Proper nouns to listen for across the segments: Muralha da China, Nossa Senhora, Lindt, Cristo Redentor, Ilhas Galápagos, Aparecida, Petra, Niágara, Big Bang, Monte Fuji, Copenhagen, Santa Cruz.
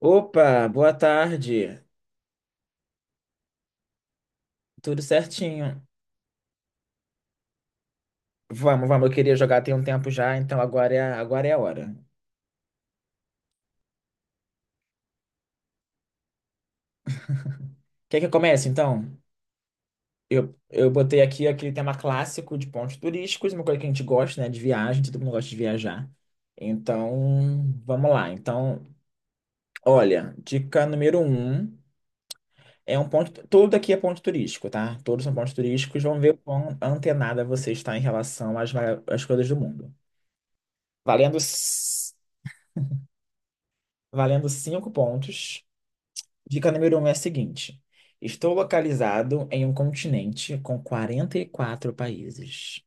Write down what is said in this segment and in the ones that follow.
Opa, boa tarde. Tudo certinho. Vamos, vamos. Eu queria jogar tem um tempo já, então agora é, agora é a hora. Quer que eu comece, então? Eu botei aqui aquele tema clássico de pontos turísticos, uma coisa que a gente gosta, né? De viagem, todo mundo gosta de viajar. Então, vamos lá. Então, olha, dica número um é um ponto. Tudo aqui é ponto turístico, tá? Todos são pontos turísticos. Vamos ver o quão antenada você está em relação às, às coisas do mundo. Valendo, c- valendo cinco pontos. Dica número um é a seguinte: estou localizado em um continente com 44 países.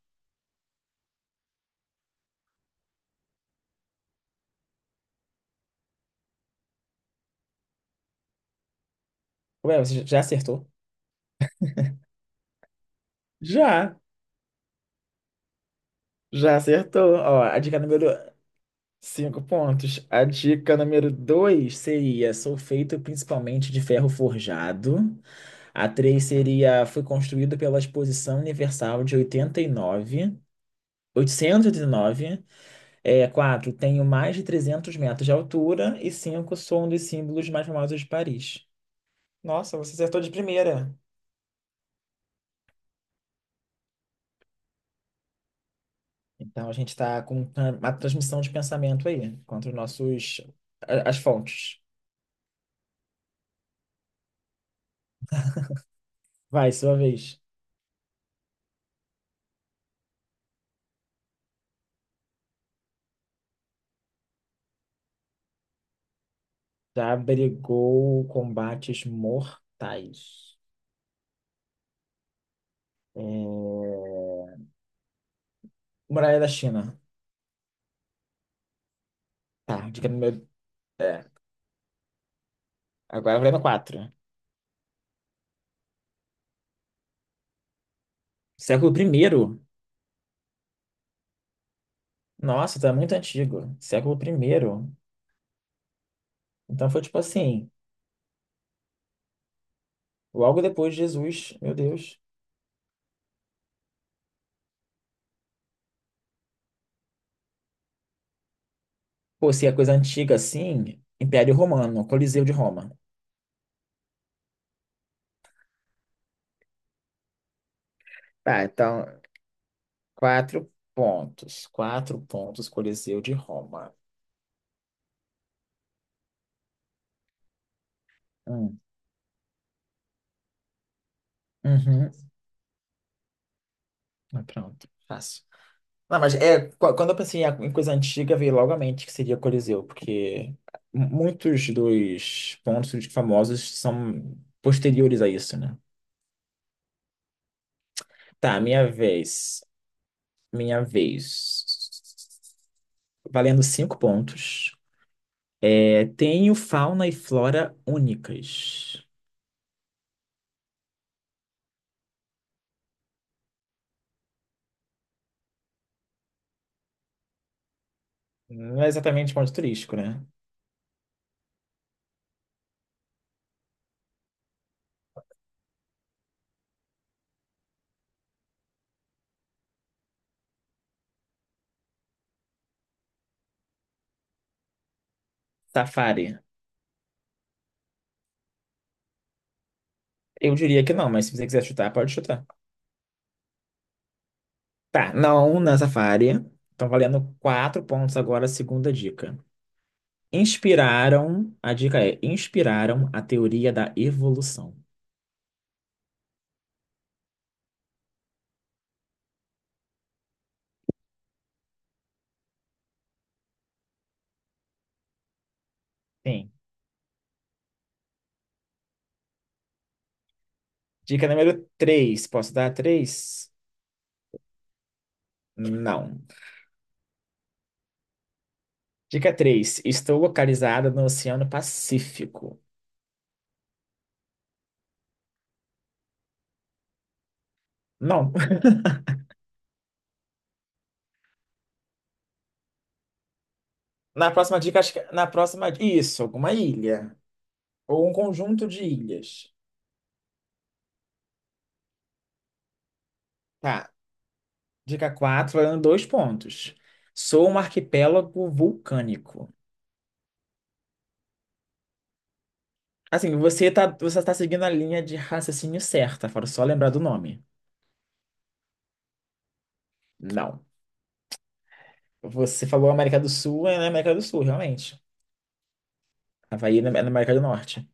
Ué, você já acertou? Já, já acertou. Ó, a dica número cinco pontos. A dica número dois seria: sou feito principalmente de ferro forjado. A três seria: fui construído pela Exposição Universal de 89. 889. É, 4. Tenho mais de 300 metros de altura. E cinco, sou um dos símbolos mais famosos de Paris. Nossa, você acertou de primeira. Então a gente está com uma transmissão de pensamento aí, contra os nossos, as fontes. Vai, sua vez. Já brigou combates mortais. É, Muralha da China. Tá, dica número. É, agora vai para quatro. Século primeiro. Nossa, tá muito antigo. Século primeiro. Então foi tipo assim, logo depois de Jesus, meu Deus. Pô, se é coisa antiga assim, Império Romano, Coliseu de Roma. Tá, então. Quatro pontos. Quatro pontos, Coliseu de Roma. Hum. Uhum. Ah, pronto, fácil. Não, mas é, quando eu pensei em coisa antiga, veio logo à mente que seria Coliseu, porque muitos dos pontos famosos são posteriores a isso, né? Tá, minha vez. Minha vez. Valendo cinco pontos. É, tenho fauna e flora únicas. Não é exatamente ponto turístico, né? Safari. Eu diria que não, mas se você quiser chutar, pode chutar. Tá, não na área. Estão valendo quatro pontos agora, a segunda dica. Inspiraram, a dica é, inspiraram a teoria da evolução. Sim. Dica número três, posso dar três? Não. Dica três, estou localizada no Oceano Pacífico. Não. Na próxima dica, acho que é, na próxima, isso, alguma ilha ou um conjunto de ilhas. Tá. Dica 4, valendo dois pontos. Sou um arquipélago vulcânico. Assim, você tá seguindo a linha de raciocínio certa, fora só lembrar do nome. Não. Você falou América do Sul, é na América do Sul, realmente. Havaí é na América do Norte.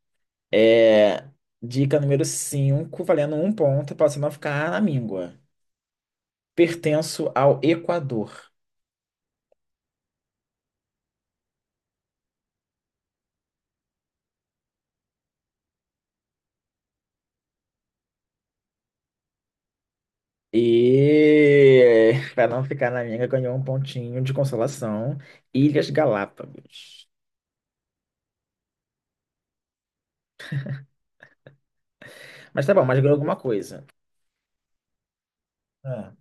É, dica número 5, valendo um ponto, para você não ficar na míngua. Pertenço ao Equador. E para não ficar na míngua, ganhou um pontinho de consolação. Ilhas Galápagos. Mas tá bom, mas ganhou alguma coisa. É,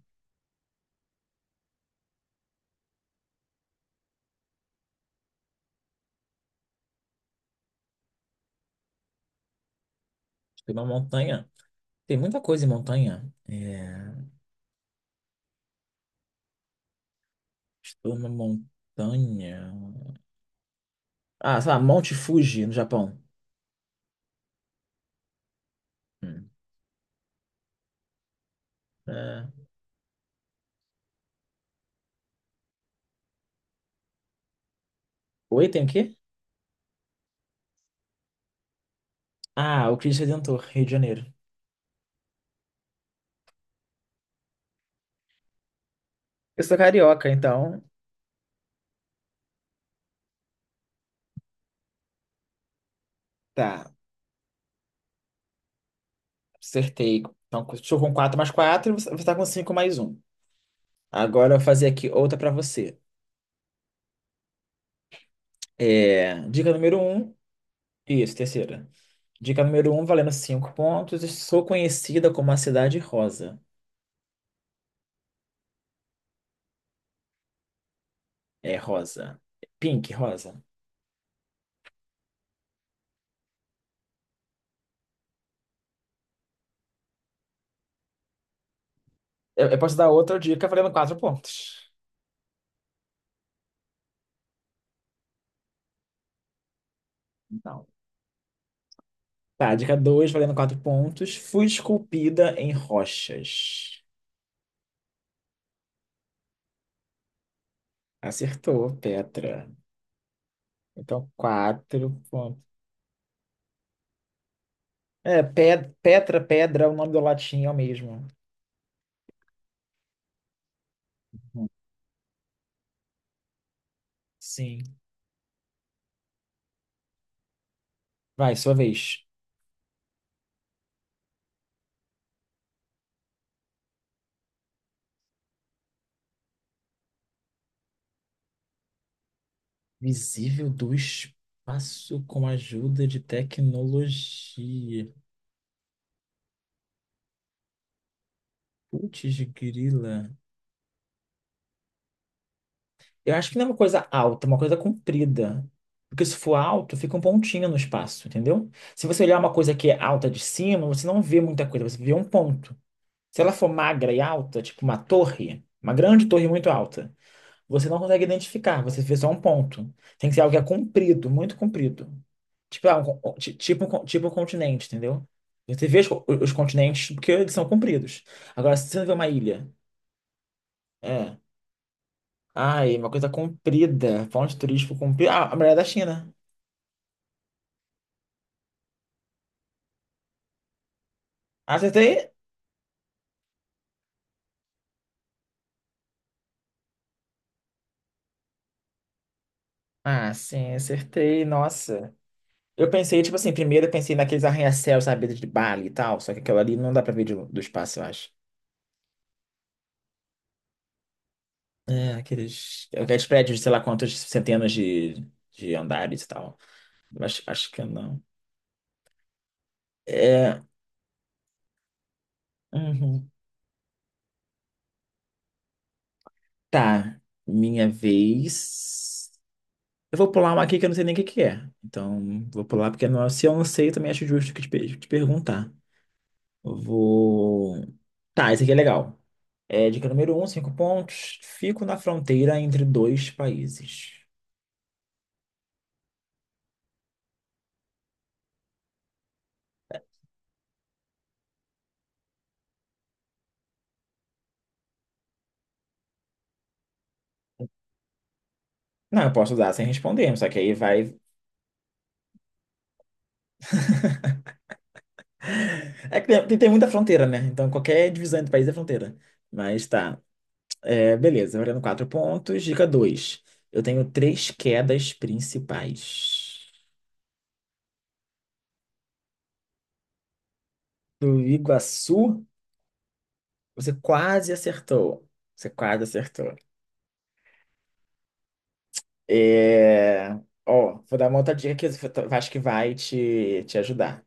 tem uma montanha. Tem muita coisa em montanha. É, estou numa montanha. Ah, sei lá, Monte Fuji, no Japão. Hum. É. Oi, tem o quê? Ah, o Cristo Redentor, Rio de Janeiro. Eu sou carioca, então. Tá, acertei. Então, estou com 4 mais 4, você está com 5 mais um. Agora eu vou fazer aqui outra para você. É, dica número um, isso, terceira. Dica número um valendo 5 pontos. Sou conhecida como a Cidade Rosa. É rosa. Pink, rosa. Eu posso dar outra dica valendo quatro pontos. Não. Tá, dica 2 valendo 4 pontos. Fui esculpida em rochas. Acertou, Petra. Então, quatro pontos. É, Petra, Pedra, é o nome do latim é o mesmo. Uhum. Sim. Vai, sua vez. Visível do espaço com ajuda de tecnologia. Putz, grila. Eu acho que não é uma coisa alta, é uma coisa comprida. Porque se for alto, fica um pontinho no espaço, entendeu? Se você olhar uma coisa que é alta de cima, você não vê muita coisa, você vê um ponto. Se ela for magra e alta, tipo uma torre, uma grande torre muito alta, você não consegue identificar, você vê só um ponto. Tem que ser algo que é comprido, muito comprido. Tipo, ah, tipo um continente, entendeu? Você vê os continentes porque eles são compridos. Agora, se você vê uma ilha, é. Ai, uma coisa comprida. Ponto turístico comprido. Ah, a muralha da China. Acertei? Ah, sim, acertei. Nossa. Eu pensei, tipo assim, primeiro eu pensei naqueles arranha-céus, sabe, de Bali e tal. Só que aquilo ali não dá pra ver do espaço, eu acho. É, aqueles, aqueles prédios de sei lá quantas centenas de andares e tal. Eu acho que não. É. Uhum. Tá. Minha vez. Eu vou pular uma aqui que eu não sei nem o que que é. Então, vou pular porque não, se eu não sei, eu também acho justo que te perguntar. Eu vou. Tá, esse aqui é legal. É, dica número um, 5 pontos. Fico na fronteira entre dois países. Não, eu posso dar sem responder, só que aí vai. É que tem muita fronteira, né? Então qualquer divisão entre países é fronteira. Mas tá. É, beleza, valendo 4 pontos. Dica dois. Eu tenho três quedas principais. Do Iguaçu, você quase acertou. Você quase acertou. É... Ó, vou dar uma outra dica que eu acho que vai te ajudar.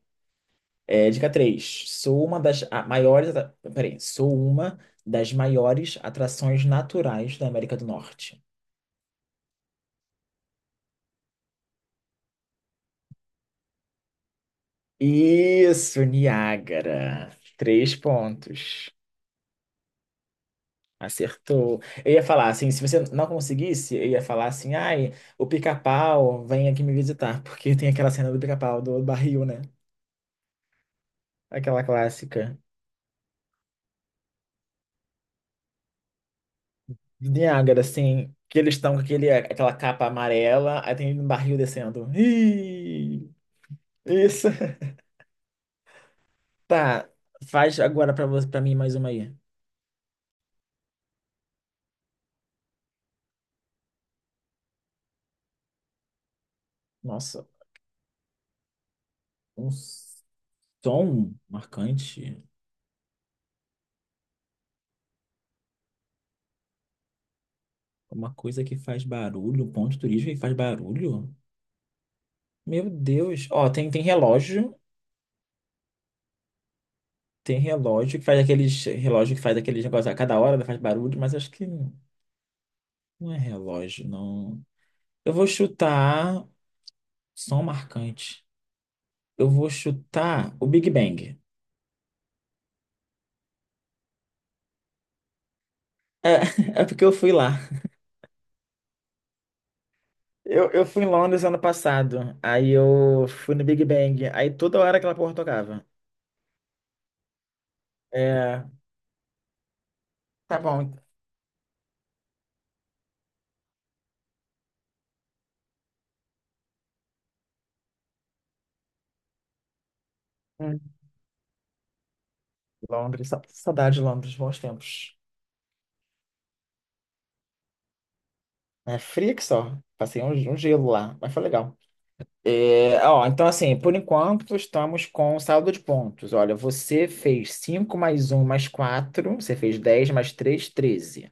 É, dica 3. Sou uma das maiores. Peraí. Sou uma das maiores atrações naturais da América do Norte. Isso, Niágara. Três pontos. Acertou. Eu ia falar assim, se você não conseguisse, eu ia falar assim, ai, o pica-pau vem aqui me visitar, porque tem aquela cena do pica-pau do barril, né? Aquela clássica. Do Niágara, assim, que eles estão com aquele, aquela capa amarela, aí tem um barril descendo. Ih, isso. Tá, faz agora pra você, para mim mais uma aí. Nossa, um som marcante, uma coisa que faz barulho, um ponto turístico que faz barulho. Meu Deus. Ó, tem relógio, tem relógio que faz aqueles relógio que faz aqueles negócios a cada hora faz barulho, mas acho que não é relógio, não. Eu vou chutar som marcante. Eu vou chutar o Big Bang. É, é porque eu fui lá. Eu fui em Londres ano passado, aí eu fui no Big Bang, aí toda hora aquela porra tocava. É, tá bom. Hum, Londres, saudade de Londres, bons tempos. É fria que só, passei um gelo lá, mas foi legal. É, ó, então assim, por enquanto estamos com saldo de pontos. Olha, você fez 5 mais um mais 4, você fez 10 mais 3 13.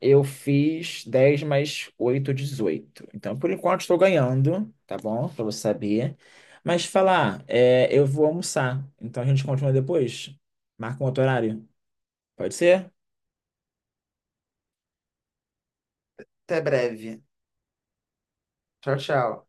Eu fiz 10 mais 8 18. Então, por enquanto, estou ganhando, tá bom? Pra você saber. Mas falar, é, eu vou almoçar. Então, a gente continua depois. Marca um outro horário. Pode ser? Até breve. Tchau, tchau.